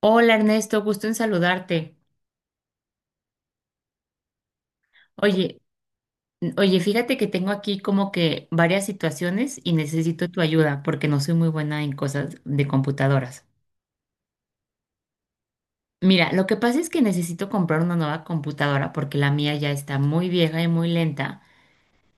Hola Ernesto, gusto en saludarte. Oye, oye, fíjate que tengo aquí como que varias situaciones y necesito tu ayuda porque no soy muy buena en cosas de computadoras. Mira, lo que pasa es que necesito comprar una nueva computadora porque la mía ya está muy vieja y muy lenta.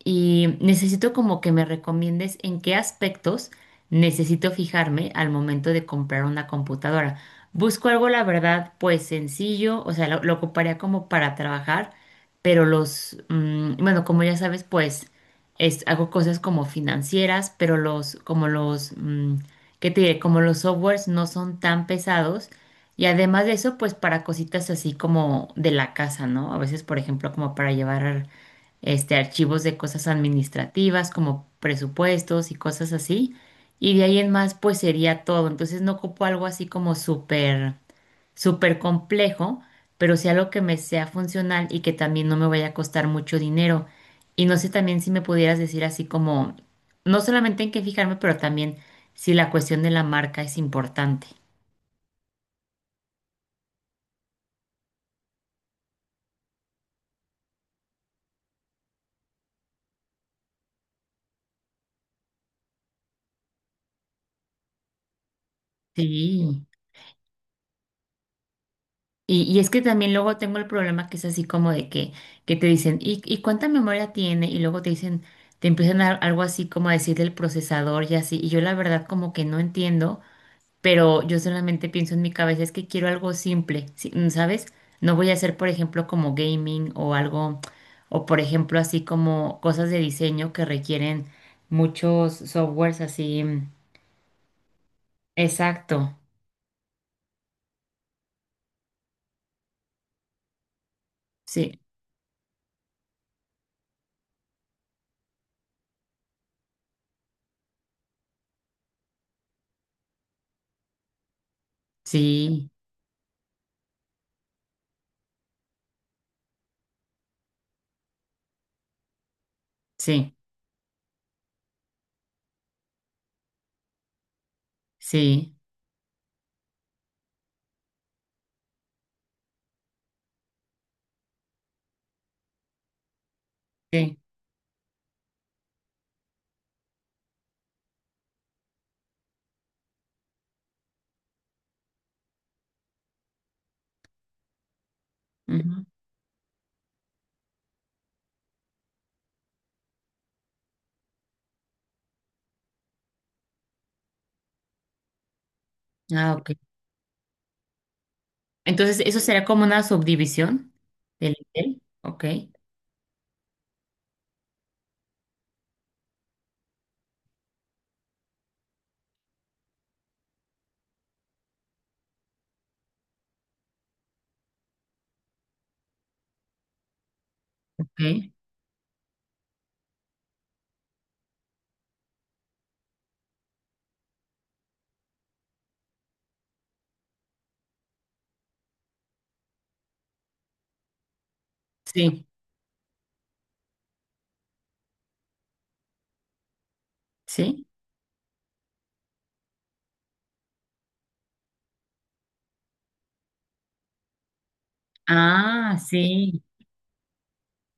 Y necesito como que me recomiendes en qué aspectos necesito fijarme al momento de comprar una computadora. Busco algo, la verdad, pues sencillo, o sea, lo ocuparía como para trabajar, pero bueno, como ya sabes, pues es, hago cosas como financieras, pero los, como los, mm, ¿qué te diré? Como los softwares no son tan pesados. Y además de eso, pues para cositas así como de la casa, ¿no? A veces, por ejemplo, como para llevar archivos de cosas administrativas como presupuestos y cosas así. Y de ahí en más, pues sería todo. Entonces no ocupo algo así como súper, súper complejo, pero sí algo que me sea funcional y que también no me vaya a costar mucho dinero. Y no sé también si me pudieras decir así como, no solamente en qué fijarme, pero también si la cuestión de la marca es importante. Sí. Y es que también luego tengo el problema que es así como de que te dicen, ¿y cuánta memoria tiene? Y luego te dicen, te empiezan a, algo así como a decir del procesador y así. Y yo la verdad como que no entiendo, pero yo solamente pienso en mi cabeza, es que quiero algo simple, sí, ¿sabes? No voy a hacer, por ejemplo, como gaming o algo, o por ejemplo, así como cosas de diseño que requieren muchos softwares así. Exacto. Sí, sí, sí, sí, sí. Ah, ok. Entonces, eso será como una subdivisión del hotel. Ok, ok. Sí, sí. Ah, sí.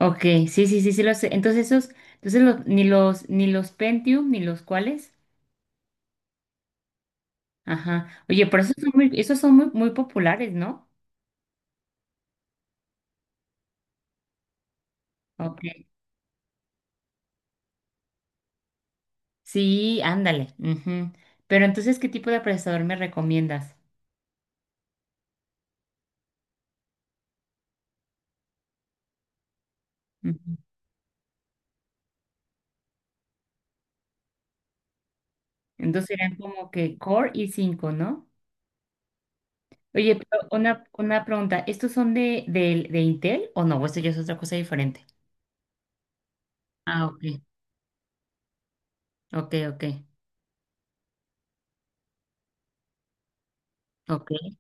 Ok, sí, sí, sí, sí lo sé. Entonces, esos, entonces ni los Pentium, ni los cuales. Ajá. Oye, pero esos son muy, muy populares, ¿no? Ok. Sí, ándale. Ujú. Pero entonces, ¿qué tipo de procesador me recomiendas? Ujú. Entonces serían como que Core i cinco, ¿no? Oye, pero una pregunta, ¿estos son de Intel o no? ¿O esto ya es otra cosa diferente? Ah, ok, ok, ok, ok,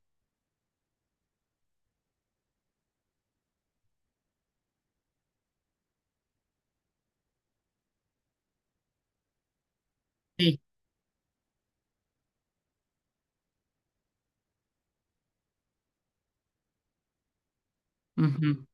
sí. Ujú,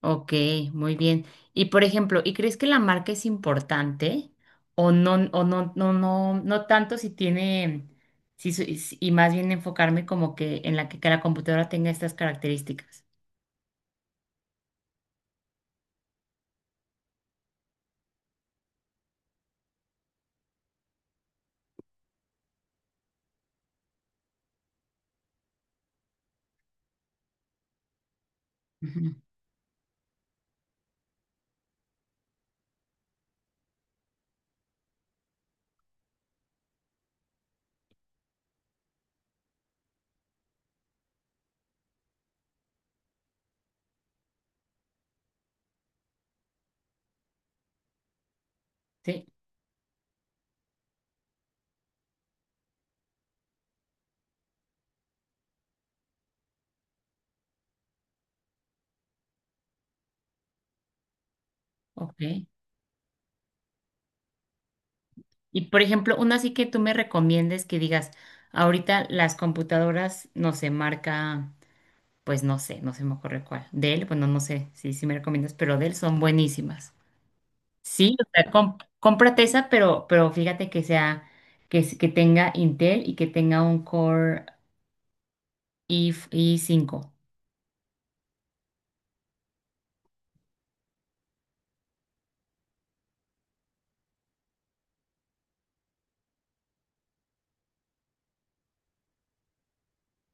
ok, muy bien. Y por ejemplo, ¿y crees que la marca es importante o no, no, no, no tanto si tiene, si, su- y si- y más bien enfocarme como que en la que la computadora tenga estas características? Ujú, sí, ok. Y por ejemplo, una así que tú me recomiendes que digas, ahorita las computadoras no se marca, pues no sé, no se me ocurre cuál. Dell, bueno, no sé si si me recomiendas, pero Dell son buenísimas. Sí, o sea, com- cómprate esa, pero fíjate que sea, que, s- que tenga Intel y que tenga un Core i cinco.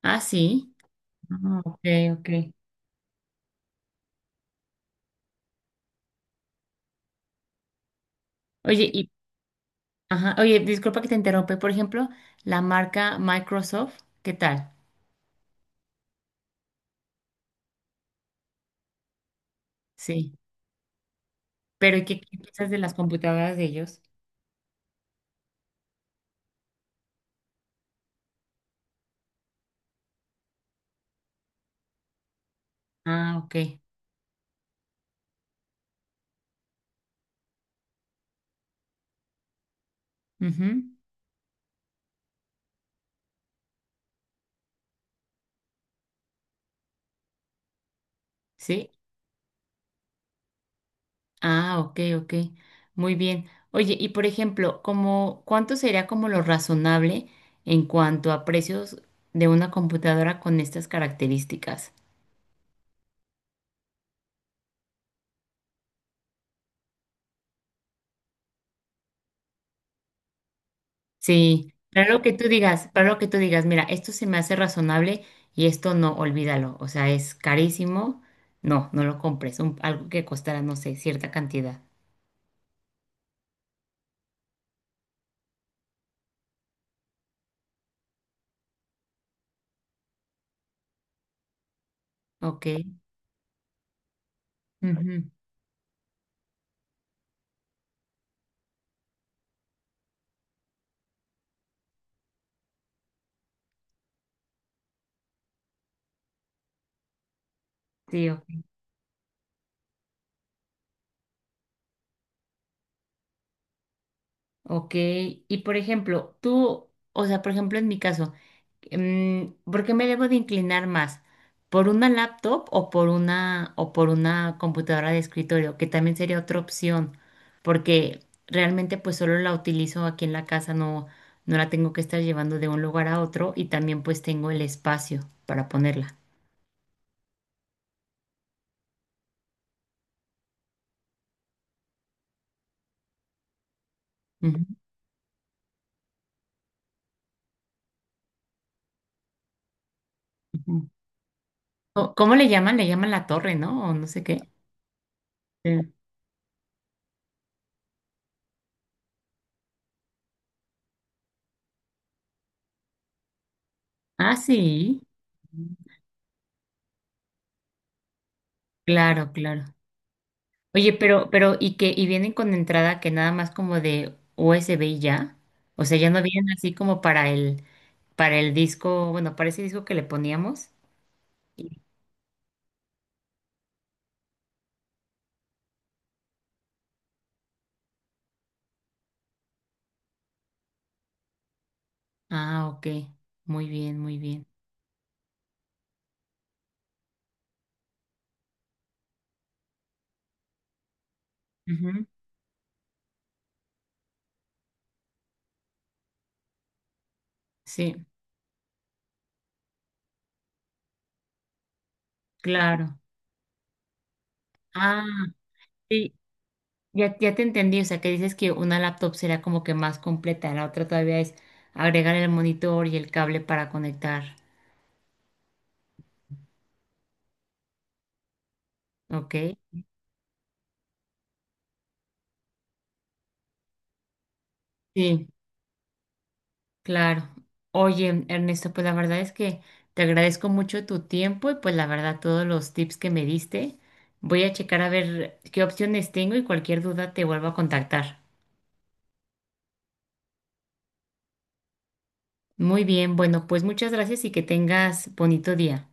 Ah, sí. Ah, ok, ok. Oye, y, ajá, oye, disculpa que te interrumpe. Por ejemplo, la marca Microsoft, ¿qué tal? Sí. Pero ¿y qué piensas de las computadoras de ellos? Ah, ok. Ujú. Sí. Ah, ok, ok. Muy bien. Oye, y por ejemplo, como, ¿cuánto sería como lo razonable en cuanto a precios de una computadora con estas características? Sí, para lo que tú digas, para lo que tú digas, mira, esto se me hace razonable y esto no, olvídalo. O sea, es carísimo. No, no lo compres. Un- algo que costara no sé, cierta cantidad. Ok. Ujú. Sí, ok. Ok, y por ejemplo, tú, o sea, por ejemplo, en mi caso, ¿por qué me debo de inclinar más? ¿Por una laptop o por una computadora de escritorio? Que también sería otra opción, porque realmente pues solo la utilizo aquí en la casa, no, no la tengo que estar llevando de un lugar a otro y también pues tengo el espacio para ponerla. Ujú, ujú. ¿Cómo cómo le llaman? Le llaman la torre, ¿no? O no sé qué. Sí. Ah, sí. Claro, claro. Oye, pero, ¿y que ¿y vienen con entrada que nada más como de USB y ya? O sea, ya no vienen así como para el disco, bueno, para ese disco que le poníamos. Y- ah, ok. Muy bien, muy bien. Ujú, sí, claro. Ah, sí, ya, ya te entendí. O sea, que dices que una laptop será como que más completa. La otra todavía es agregar el monitor y el cable para conectar. Ok. Sí, claro. Oye, Ernesto, pues la verdad es que te agradezco mucho tu tiempo y pues la verdad todos los tips que me diste. Voy a checar a ver qué opciones tengo y cualquier duda te vuelvo a contactar. Muy bien, bueno, pues muchas gracias y que tengas bonito día.